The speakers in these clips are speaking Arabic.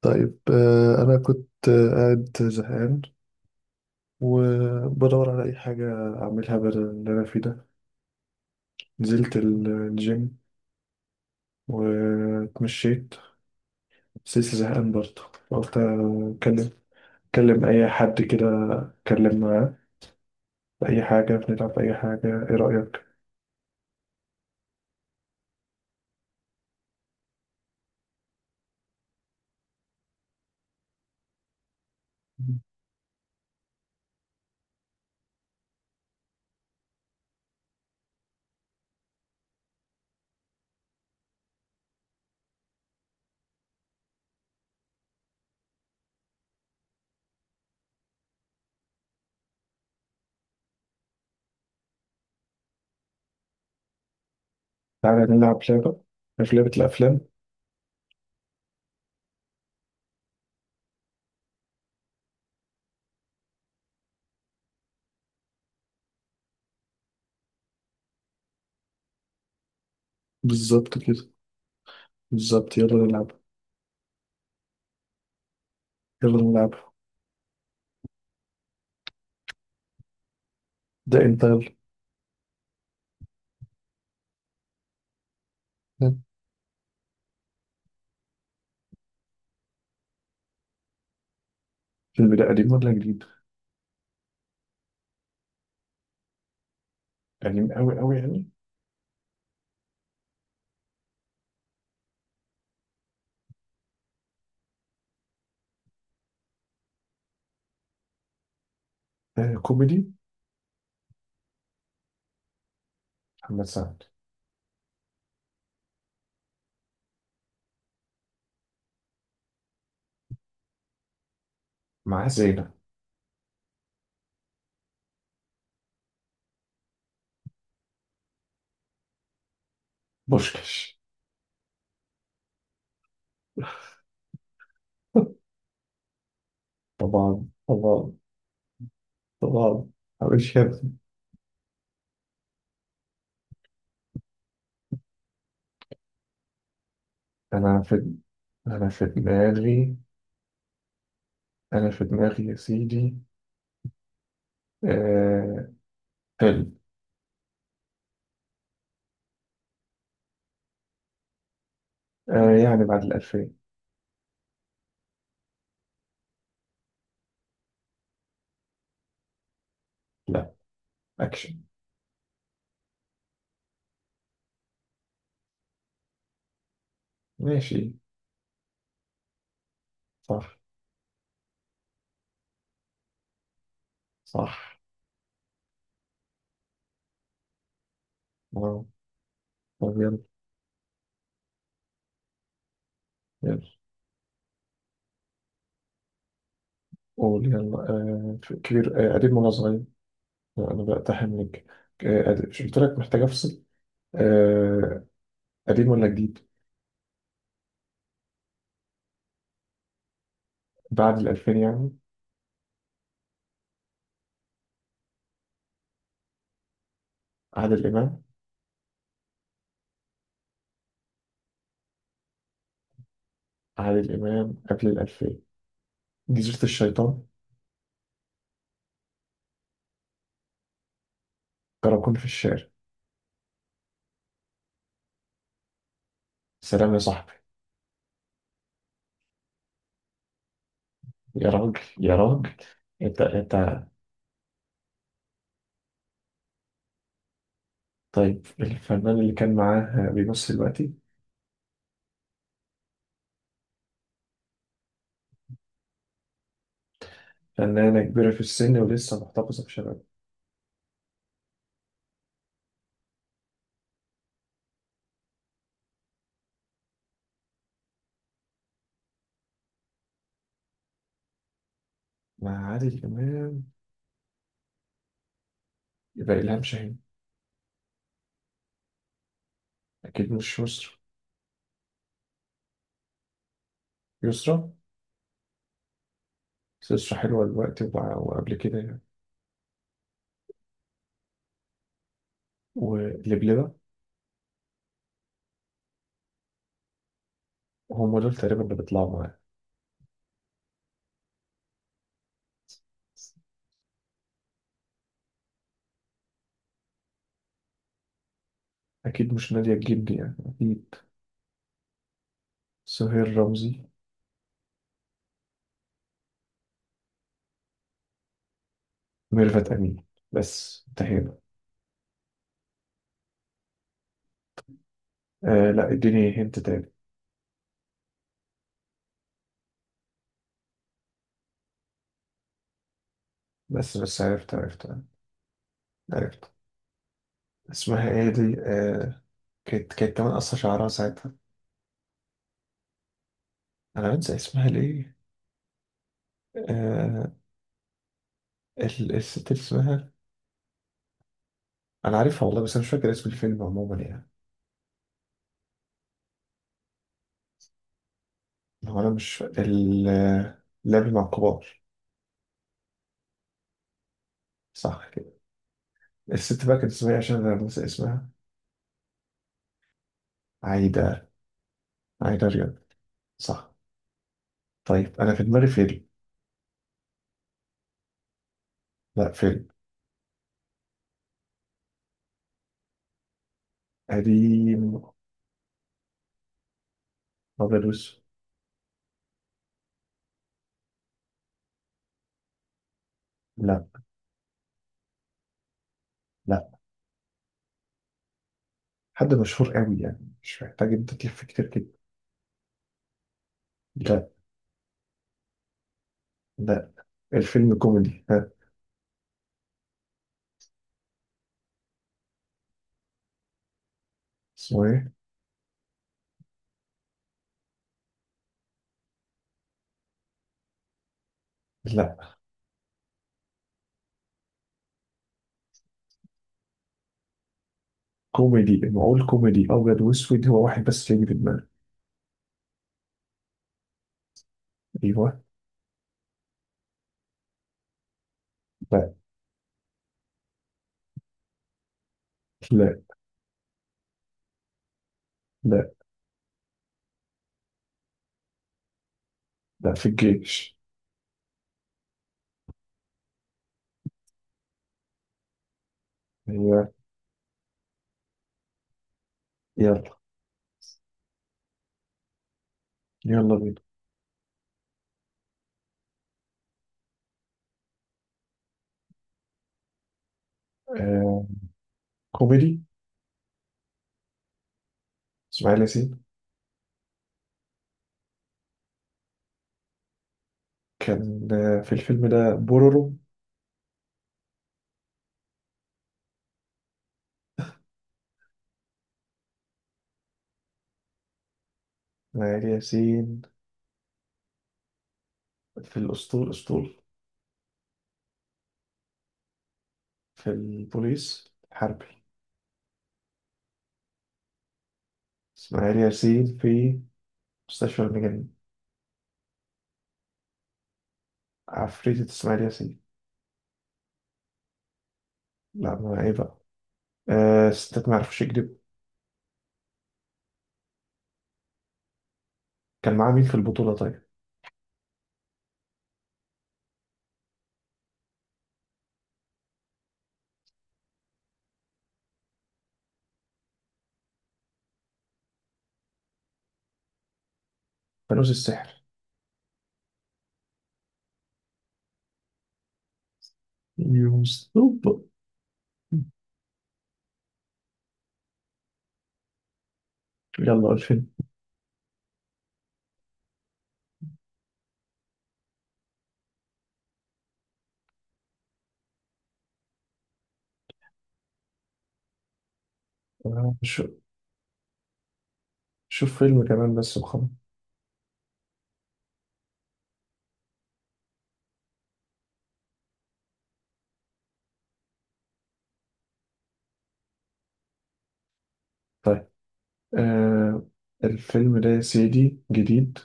طيب أنا كنت قاعد زهقان، وبدور على أي حاجة أعملها بدل اللي أنا فيه ده. نزلت الجيم واتمشيت، بس لسه زهقان برضه. قلت أكلم أي حد كده، أتكلم معاه في أي حاجة. بنلعب أي حاجة، إيه رأيك؟ تعالى نلعب لعبة. عارف لعبة الأفلام؟ بالظبط كده. بالظبط، يلا نلعب. يلا نلعب. ده أنت، يلا. الفيلم ده قديم ولا جديد؟ قديم أوي أوي يعني. آه، كوميدي. محمد سعد. مع زينة. بوشكش. طبعا طبعا طبعا. مش كده؟ أنا في أنا في دماغي أنا في دماغي يا سيدي. آه... فيلم. آه، يعني بعد الألفين. لا، أكشن. ماشي. صح. صح. واو. طب يلا. يلا. قول يلا. كبير. قديم ولا صغير؟ لا، أنا بقتحم لك. قديم. مش قلت لك محتاج أفصل. آه... قديم ولا جديد؟ بعد الألفين يعني. عادل إمام. عادل إمام قبل الألفين. جزيرة الشيطان. كراكون في الشارع. سلام يا صاحبي. يا راجل يا راجل. انت. طيب، الفنان اللي كان معاه بيمثل دلوقتي؟ فنانة كبيرة في السن ولسه محتفظة بشبابها. مع عادل إمام، يبقى إلهام شاهين. أكيد مش يسرا. يسرا. بس يسرا حلوة دلوقتي وقبل كده يعني. ولبلبة. هم دول تقريبا اللي بيطلعوا معاه. أكيد مش نادية الجندي يعني، أكيد. سهير رمزي. ميرفت أمين. بس انتهينا. آه، لا اديني هنت تاني. بس عرفت عرفت. عرفت. اسمها ايه دي؟ كانت كمان قصة شعرها ساعتها. انا بنسى اسمها ليه؟ آه الست اللي اسمها. انا عارفها والله، بس انا مش فاكر اسم الفيلم عموما يعني. هو انا مش فا- ال آه، لعب مع الكبار. صح كده. الست بقى كانت اسمها إيه، عشان انا بنسى اسمها؟ عايدة. عايدة رياض. صح. طيب انا في دماغي فيلم. لا، فيلم. قديم. ابيض واسود. لا. لا. حد مشهور قوي يعني، مش محتاج انت تلف كتير كده. لا. لا. الفيلم كوميدي، ها. اسمه ايه؟ لا. كوميدي، نقول كوميدي ابيض واسود، هو واحد بس يجي في دماغي. ايوه. لا. لا. لا. لا، في الجيش. ايوه. يلا. يلا بينا. آه. كوميدي. اسماعيل ياسين. كان في الفيلم ده بورورو. اسماعيل ياسين في الاسطول. في البوليس حربي. اسماعيل ياسين في مستشفى المجانين. عفريتة اسماعيل ياسين. لا، ما ايه بقى. آه، ستات ما يعرفوش يكذبوا. كان معاه مين في البطولة طيب؟ فانوس السحر. يوسف. يلا الفيلم. آه، شوف فيلم كمان بس وخلاص. طيب. آه الفيلم ده يا سيدي جديد.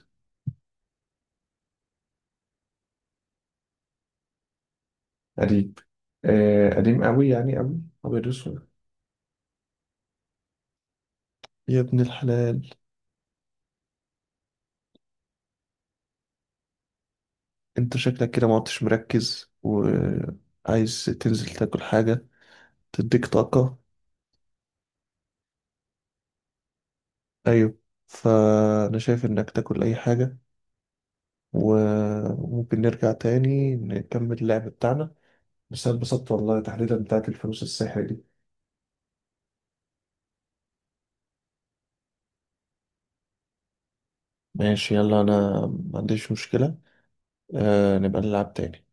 قديم. آه، قديم قوي يعني قوي. أبيض وأسود. يا ابن الحلال. أنت شكلك كده ما عدتش مركز وعايز تنزل تاكل حاجة تديك طاقة. أيوه. فأنا شايف إنك تاكل أي حاجة، وممكن نرجع تاني نكمل اللعب بتاعنا. بس أنا اتبسطت والله، تحديدا بتاعت الفلوس السحر دي. ماشي، يلا أنا ما عنديش مشكلة. آه، نبقى نلعب تاني.